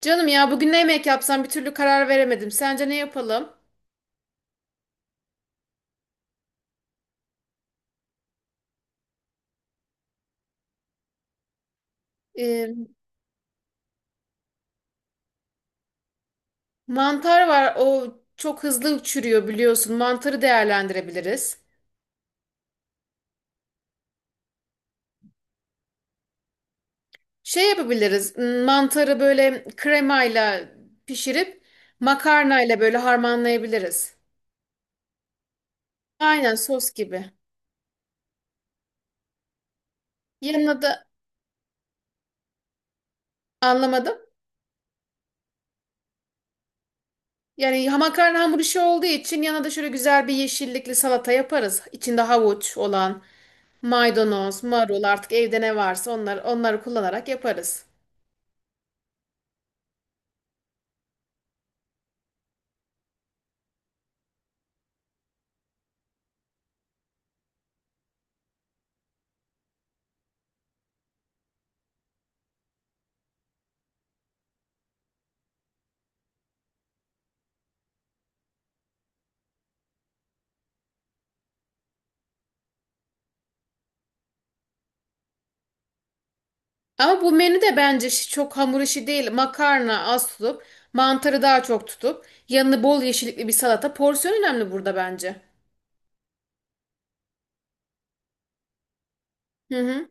Canım ya bugün ne yemek yapsam bir türlü karar veremedim. Sence ne yapalım? Ee, Mantar var. O çok hızlı çürüyor biliyorsun. Mantarı değerlendirebiliriz. Şey yapabiliriz. Mantarı böyle kremayla pişirip makarnayla böyle harmanlayabiliriz. Aynen sos gibi. Yanına da anlamadım. Yani makarna hamur işi olduğu için yanına da şöyle güzel bir yeşillikli salata yaparız. İçinde havuç olan. Maydanoz, marul artık evde ne varsa onlar, onları kullanarak yaparız. Ama bu menü de bence çok hamur işi değil. Makarna az tutup, mantarı daha çok tutup, yanına bol yeşillikli bir salata. Porsiyon önemli burada bence. Hı hı.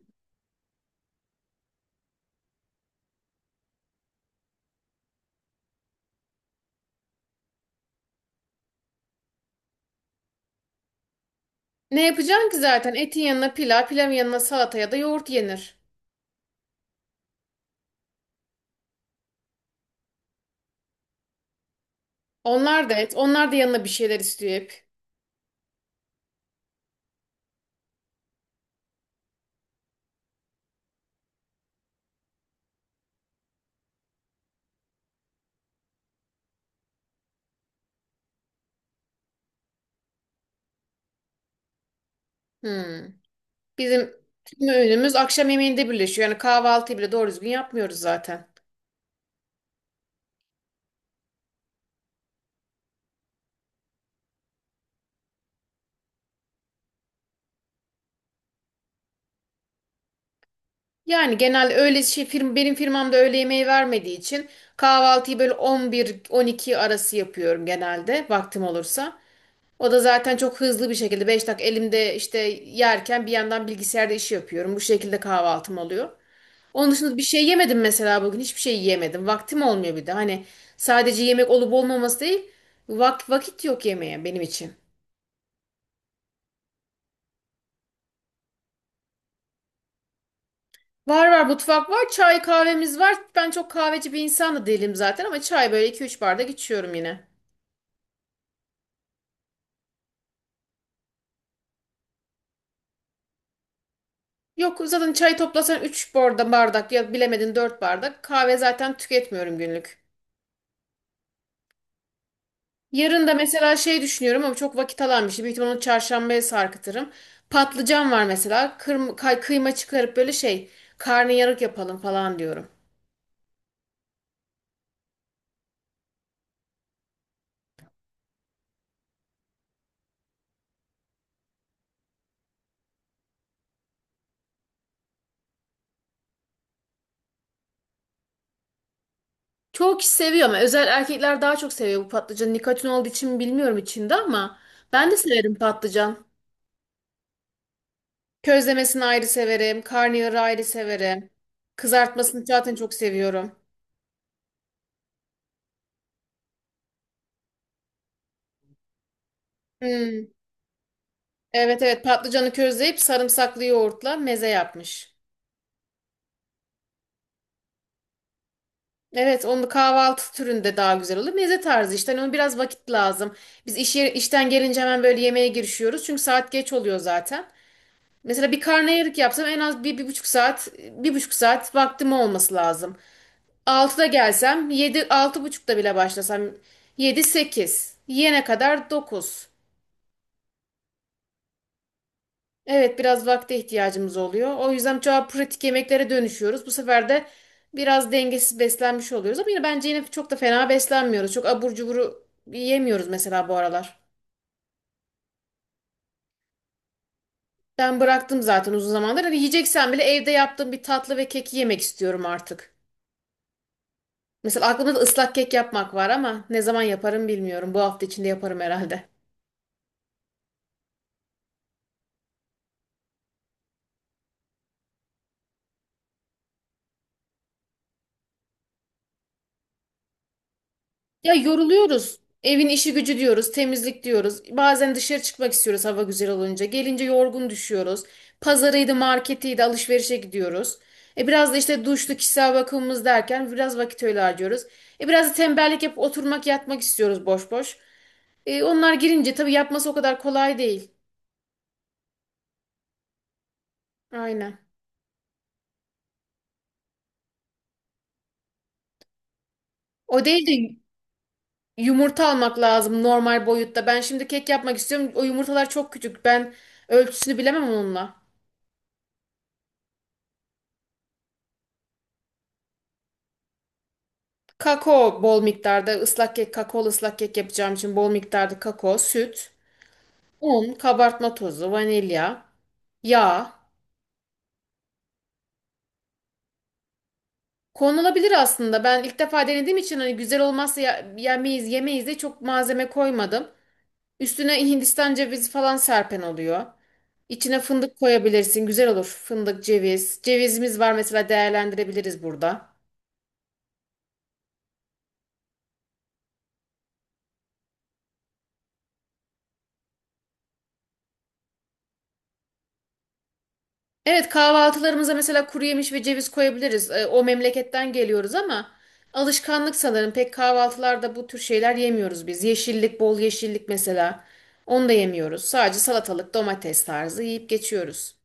Ne yapacaksın ki zaten? Etin yanına pilav, pilavın yanına salata ya da yoğurt yenir. Onlar da et, onlar da yanına bir şeyler istiyor hep. Hmm. Bizim tüm öğünümüz akşam yemeğinde birleşiyor. Yani kahvaltıyı bile doğru düzgün yapmıyoruz zaten. Yani genel öyle benim firmamda öğle yemeği vermediği için kahvaltıyı böyle 11-12 arası yapıyorum genelde vaktim olursa. O da zaten çok hızlı bir şekilde 5 dakika elimde işte yerken bir yandan bilgisayarda işi yapıyorum. Bu şekilde kahvaltım oluyor. Onun dışında bir şey yemedim mesela bugün hiçbir şey yiyemedim. Vaktim olmuyor bir de hani sadece yemek olup olmaması değil vakit yok yemeğe benim için. Var var, mutfak var, çay kahvemiz var. Ben çok kahveci bir insan da değilim zaten ama çay böyle 2-3 bardak içiyorum yine. Yok, zaten çay toplasan 3 bardak ya bilemedin 4 bardak. Kahve zaten tüketmiyorum günlük. Yarın da mesela şey düşünüyorum ama çok vakit alan bir şey. Büyük ihtimalle onu çarşambaya sarkıtırım. Patlıcan var mesela. Kıyma çıkarıp böyle şey karnıyarık yapalım falan diyorum. Çoğu kişi seviyor ama özel erkekler daha çok seviyor bu patlıcanı. Nikotin olduğu için mi bilmiyorum içinde ama ben de severim patlıcan. Közlemesini ayrı severim. Karnıyarığı ayrı severim. Kızartmasını zaten çok seviyorum. Hmm. Evet evet patlıcanı közleyip sarımsaklı yoğurtla meze yapmış. Evet, onu kahvaltı türünde daha güzel olur. Meze tarzı işte, hani ona biraz vakit lazım. Biz işten gelince hemen böyle yemeğe girişiyoruz. Çünkü saat geç oluyor zaten. Mesela bir karnıyarık yapsam en az bir, 1,5 saat, 1,5 saat vaktim olması lazım. 6'da gelsem, 7 altı buçukta bile başlasam, 7 8 yiyene kadar 9. Evet, biraz vakte ihtiyacımız oluyor. O yüzden çoğu pratik yemeklere dönüşüyoruz. Bu sefer de biraz dengesiz beslenmiş oluyoruz. Ama yine bence yine çok da fena beslenmiyoruz. Çok abur cuburu yemiyoruz mesela bu aralar. Ben bıraktım zaten uzun zamandır. Hani yiyeceksen bile evde yaptığım bir tatlı ve keki yemek istiyorum artık. Mesela aklımda da ıslak kek yapmak var ama ne zaman yaparım bilmiyorum. Bu hafta içinde yaparım herhalde. Ya, yoruluyoruz. Evin işi gücü diyoruz, temizlik diyoruz. Bazen dışarı çıkmak istiyoruz hava güzel olunca. Gelince yorgun düşüyoruz. Pazarıydı, marketiydi, alışverişe gidiyoruz. Biraz da işte duşlu kişisel bakımımız derken biraz vakit öyle harcıyoruz. Biraz da tembellik yapıp oturmak, yatmak istiyoruz boş boş. Onlar girince tabii yapması o kadar kolay değil. Aynen. O değil de yumurta almak lazım normal boyutta. Ben şimdi kek yapmak istiyorum. O yumurtalar çok küçük. Ben ölçüsünü bilemem onunla. Kakao bol miktarda ıslak kek, kakaolu ıslak kek yapacağım için bol miktarda kakao, süt, un, kabartma tozu, vanilya, yağ. Konulabilir aslında. Ben ilk defa denediğim için hani güzel olmazsa yemeyiz, yemeyiz de çok malzeme koymadım. Üstüne Hindistan cevizi falan serpen oluyor. İçine fındık koyabilirsin. Güzel olur. Fındık, ceviz. Cevizimiz var mesela, değerlendirebiliriz burada. Evet, kahvaltılarımıza mesela kuru yemiş ve ceviz koyabiliriz. O memleketten geliyoruz ama alışkanlık sanırım. Pek kahvaltılarda bu tür şeyler yemiyoruz biz. Yeşillik, bol yeşillik mesela. Onu da yemiyoruz. Sadece salatalık, domates tarzı yiyip geçiyoruz.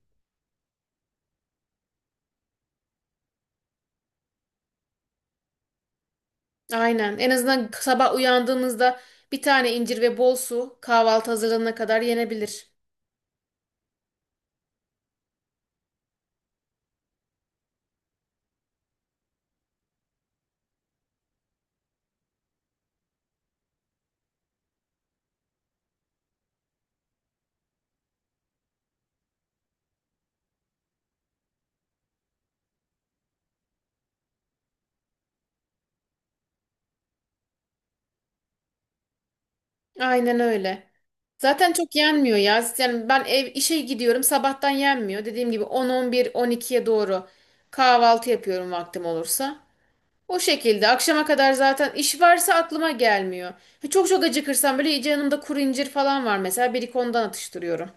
Aynen. En azından sabah uyandığımızda bir tane incir ve bol su kahvaltı hazırlanana kadar yenebilir. Aynen öyle. Zaten çok yenmiyor ya. Yani ben ev işe gidiyorum sabahtan yenmiyor. Dediğim gibi 10-11 12'ye doğru kahvaltı yapıyorum vaktim olursa. O şekilde akşama kadar zaten iş varsa aklıma gelmiyor. Çok çok acıkırsam böyle iyice yanımda kuru incir falan var mesela bir iki ondan atıştırıyorum.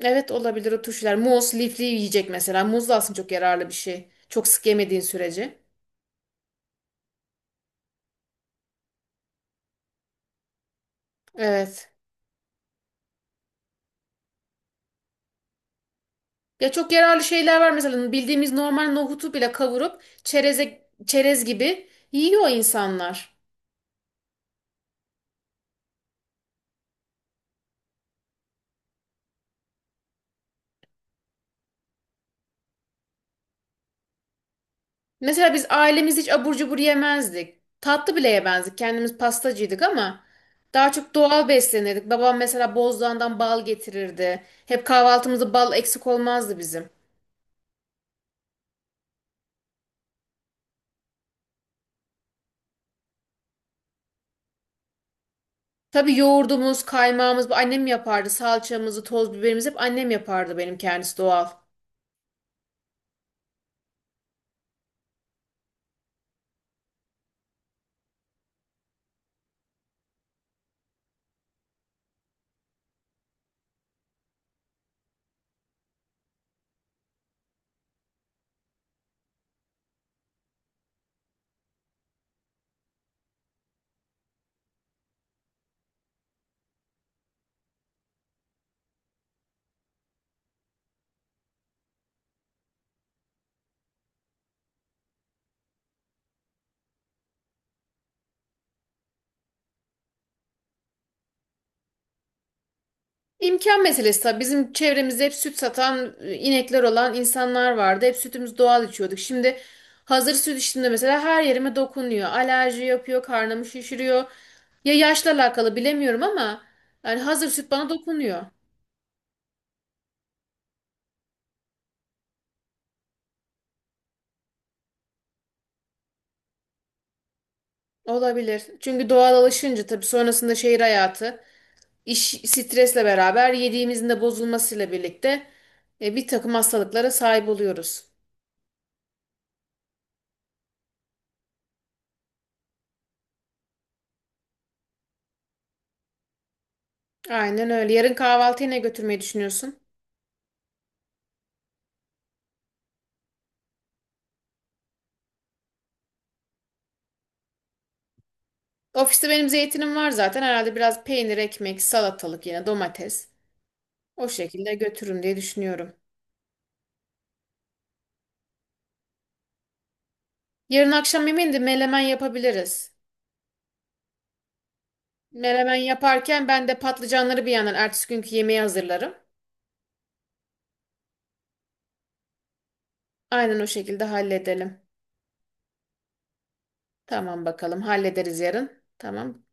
Evet olabilir, o turşular. Muz, lifli yiyecek mesela. Muz da aslında çok yararlı bir şey. Çok sık yemediğin sürece. Evet. Ya çok yararlı şeyler var mesela bildiğimiz normal nohutu bile kavurup çereze, çerez gibi yiyor insanlar. Mesela biz ailemiz hiç abur cubur yemezdik. Tatlı bile yemezdik. Kendimiz pastacıydık ama daha çok doğal beslenirdik. Babam mesela Bozdoğan'dan bal getirirdi. Hep kahvaltımızda bal eksik olmazdı bizim. Tabii yoğurdumuz, kaymağımız bu annem yapardı. Salçamızı, toz biberimizi hep annem yapardı, benim kendisi doğal. İmkan meselesi tabii. Bizim çevremizde hep süt satan, inekler olan insanlar vardı. Hep sütümüz doğal içiyorduk. Şimdi hazır süt içtiğimde mesela her yerime dokunuyor. Alerji yapıyor, karnımı şişiriyor. Ya yaşla alakalı bilemiyorum ama yani hazır süt bana dokunuyor. Olabilir. Çünkü doğal alışınca tabii sonrasında şehir hayatı, iş stresle beraber yediğimizin de bozulmasıyla birlikte bir takım hastalıklara sahip oluyoruz. Aynen öyle. Yarın kahvaltıya ne götürmeyi düşünüyorsun? Ofiste benim zeytinim var zaten. Herhalde biraz peynir, ekmek, salatalık, yine domates. O şekilde götürürüm diye düşünüyorum. Yarın akşam yemeğinde melemen yapabiliriz. Melemen yaparken ben de patlıcanları bir yandan ertesi günkü yemeği hazırlarım. Aynen o şekilde halledelim. Tamam bakalım, hallederiz yarın. Tamam.